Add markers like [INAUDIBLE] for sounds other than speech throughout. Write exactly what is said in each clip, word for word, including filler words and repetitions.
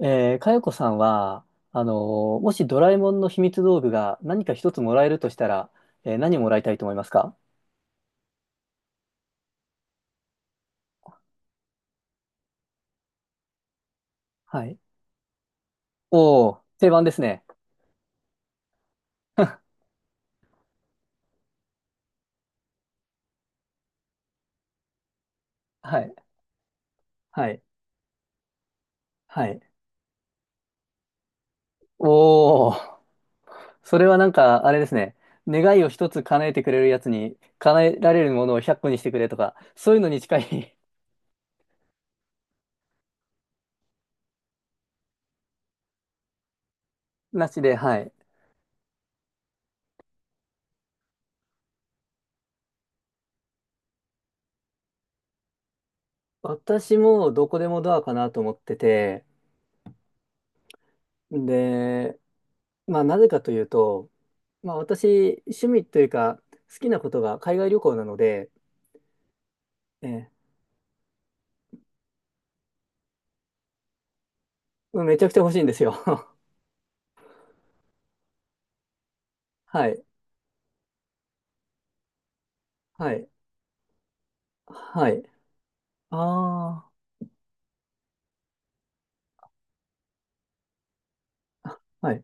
えー、かよこさんは、あのーもしドラえもんの秘密道具が何か一つもらえるとしたら、えー何もらいたいと思いますか。はい。おー、定番ですね。[LAUGHS] はい、はい、はい。おー、それはなんか、あれですね。願いを一つ叶えてくれるやつに、叶えられるものをひゃっこにしてくれとか、そういうのに近い。 [LAUGHS] なしで、はい。私もどこでもドアかなと思ってて、で、まあなぜかというと、まあ私、趣味というか、好きなことが海外旅行なので、ええ、うんめちゃくちゃ欲しいんですよ。[LAUGHS] はい。はい。はい。ああ。はい。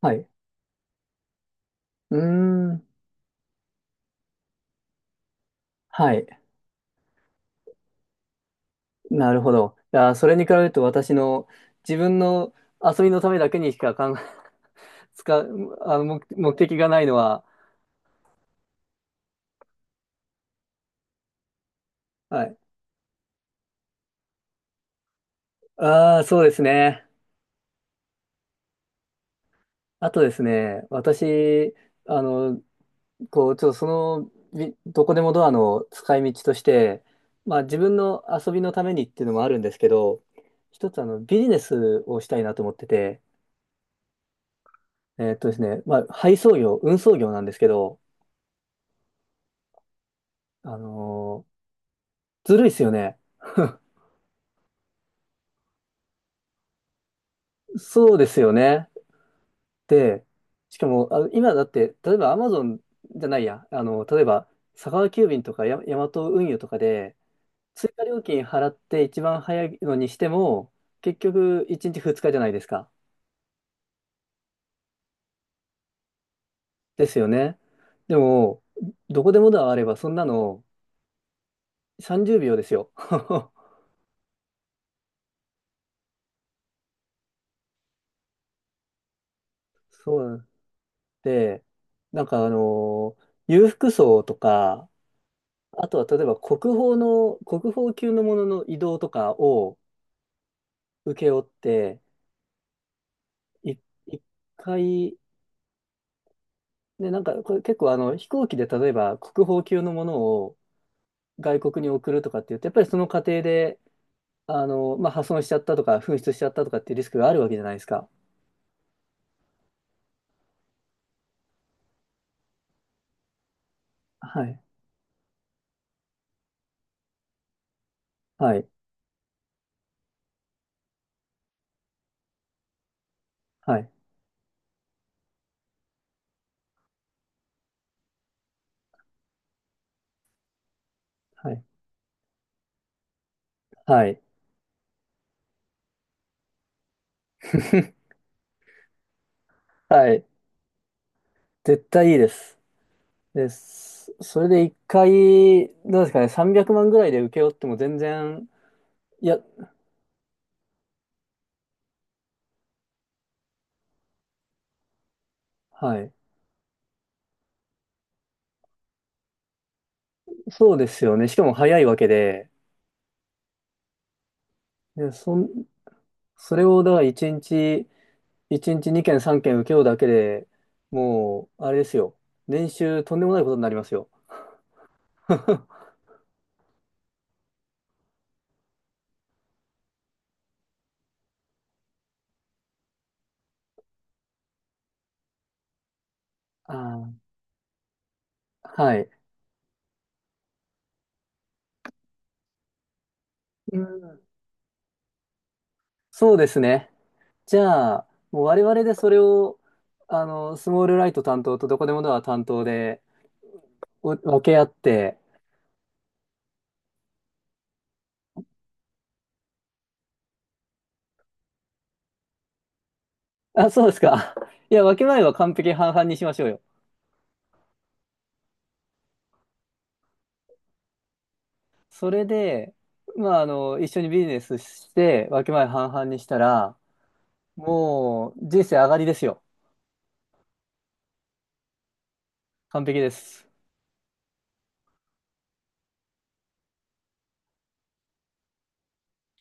はい。うーん。はい。なるほど。いやー、それに比べると私の自分の遊びのためだけにしか考え、[LAUGHS] 使う、あの、目目的がないのは、はい。ああ、そうですね。あとですね、私、あの、こう、ちょっとその、びどこでもドアの使い道として、まあ自分の遊びのためにっていうのもあるんですけど、一つあのビジネスをしたいなと思ってて、えーっとですね、まあ配送業、運送業なんですけど、あのーずるいっすよね。そうですよね。で、しかも、あの、今だって、例えばアマゾンじゃないや、あの、例えば佐川急便とかヤ、ヤマト運輸とかで、追加料金払って一番早いのにしても、結局いちにちふつかじゃないですか。ですよね。でも、どこでもドアあれば、そんなのさんじゅうびょうですよ。[LAUGHS] そうで、なんかあのー裕福層とか、あとは例えば国宝の、国宝級のものの移動とかを請け負って、い一回、ね、なんかこれ結構あの飛行機で例えば国宝級のものを外国に送るとかって言って、やっぱりその過程で、あのまあ、破損しちゃったとか、紛失しちゃったとかっていうリスクがあるわけじゃないですか。はい。はい。はい。はい。はい。[LAUGHS] はい。絶対いいです。です。それで一回、どうですかね、さんびゃくまんぐらいで請け負っても全然、いや、はい。そうですよね。しかも早いわけで、で、そん、それをだからいちにち、いちにちにけんさんけん請け負うだけでもう、あれですよ。年収とんでもないことになりますよ。[LAUGHS] あーはい。うん、そうですね。じゃあ、もう我々でそれを、あの、スモールライト担当とどこでもドア担当でお分け合って、あ、そうですか。[LAUGHS] いや、分け前は完璧に半々にしましょうよ。それで、まあ、あの、一緒にビジネスして、分け前半々にしたら、もう人生上がりですよ。完璧です。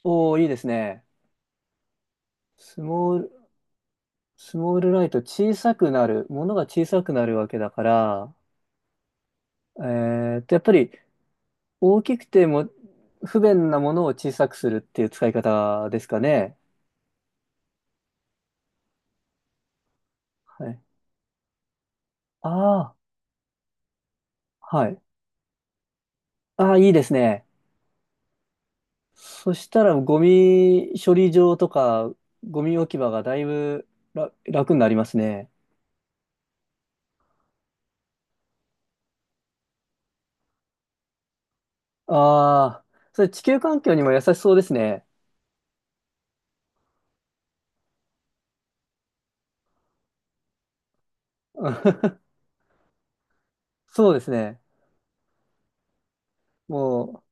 おー、いいですね。スモール、スモールライト小さくなる、ものが小さくなるわけだから、えーっと、やっぱり大きくても不便なものを小さくするっていう使い方ですかね。はい。ああ、はい。ああ、いいですね。そしたらゴミ処理場とかゴミ置き場がだいぶら楽になりますね。ああ、それ地球環境にも優しそうですね。[LAUGHS] そうですね。もう、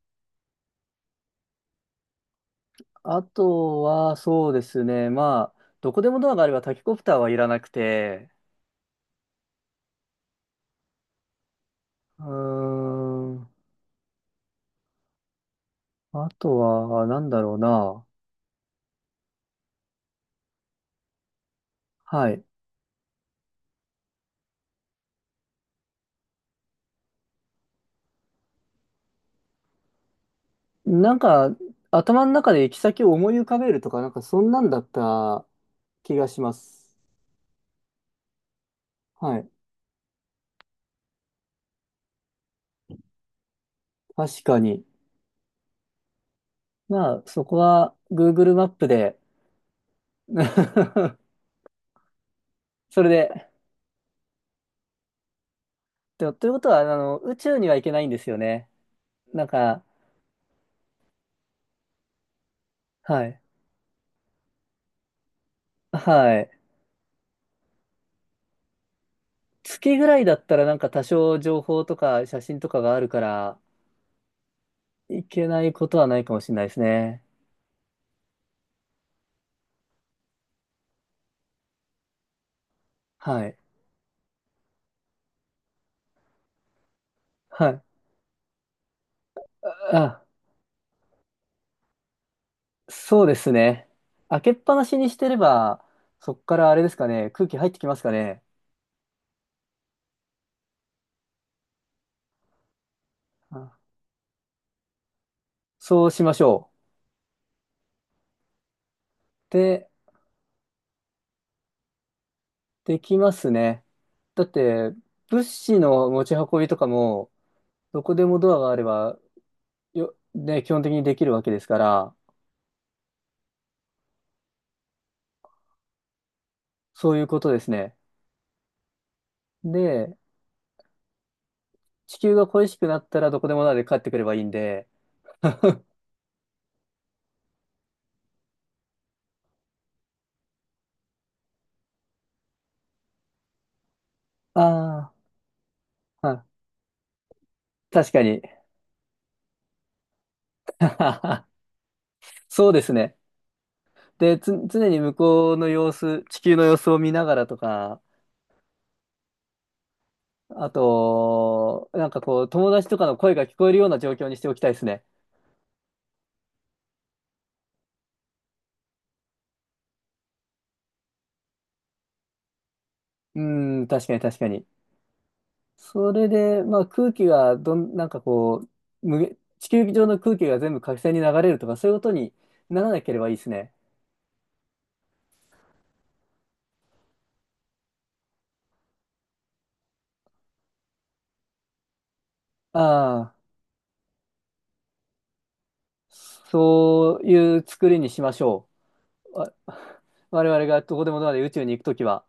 あとはそうですね。まあ、どこでもドアがあればタケコプターはいらなくて、うーん、あとはなんだろうな。はい。なんか、頭の中で行き先を思い浮かべるとか、なんかそんなんだった気がします。はい。確かに。まあ、そこは Google マップで、 [LAUGHS] それで。でということは、あの、宇宙には行けないんですよね。なんか、はい。はい。月ぐらいだったらなんか多少情報とか写真とかがあるから、行けないことはないかもしれないですね。はい。はい。あそうですね。開けっぱなしにしてれば、そっからあれですかね、空気入ってきますかね。あそうしましょう。で、できますね。だって、物資の持ち運びとかも、どこでもドアがあれば、よ、ね、基本的にできるわけですから、そういうことですね。で、地球が恋しくなったらどこでもドアで帰ってくればいいんで、ああ、はい確かに。[LAUGHS] そうですね。で、つ、常に向こうの様子、地球の様子を見ながらとか、あと、なんかこう、友達とかの声が聞こえるような状況にしておきたいですね。うん、確かに確かに。それで、まあ空気がどん、なんかこう、無限地球上の空気が全部火星に流れるとか、そういうことにならなければいいですね。ああ、そういう作りにしましょう。わ我々がどこでもドアで宇宙に行くときは。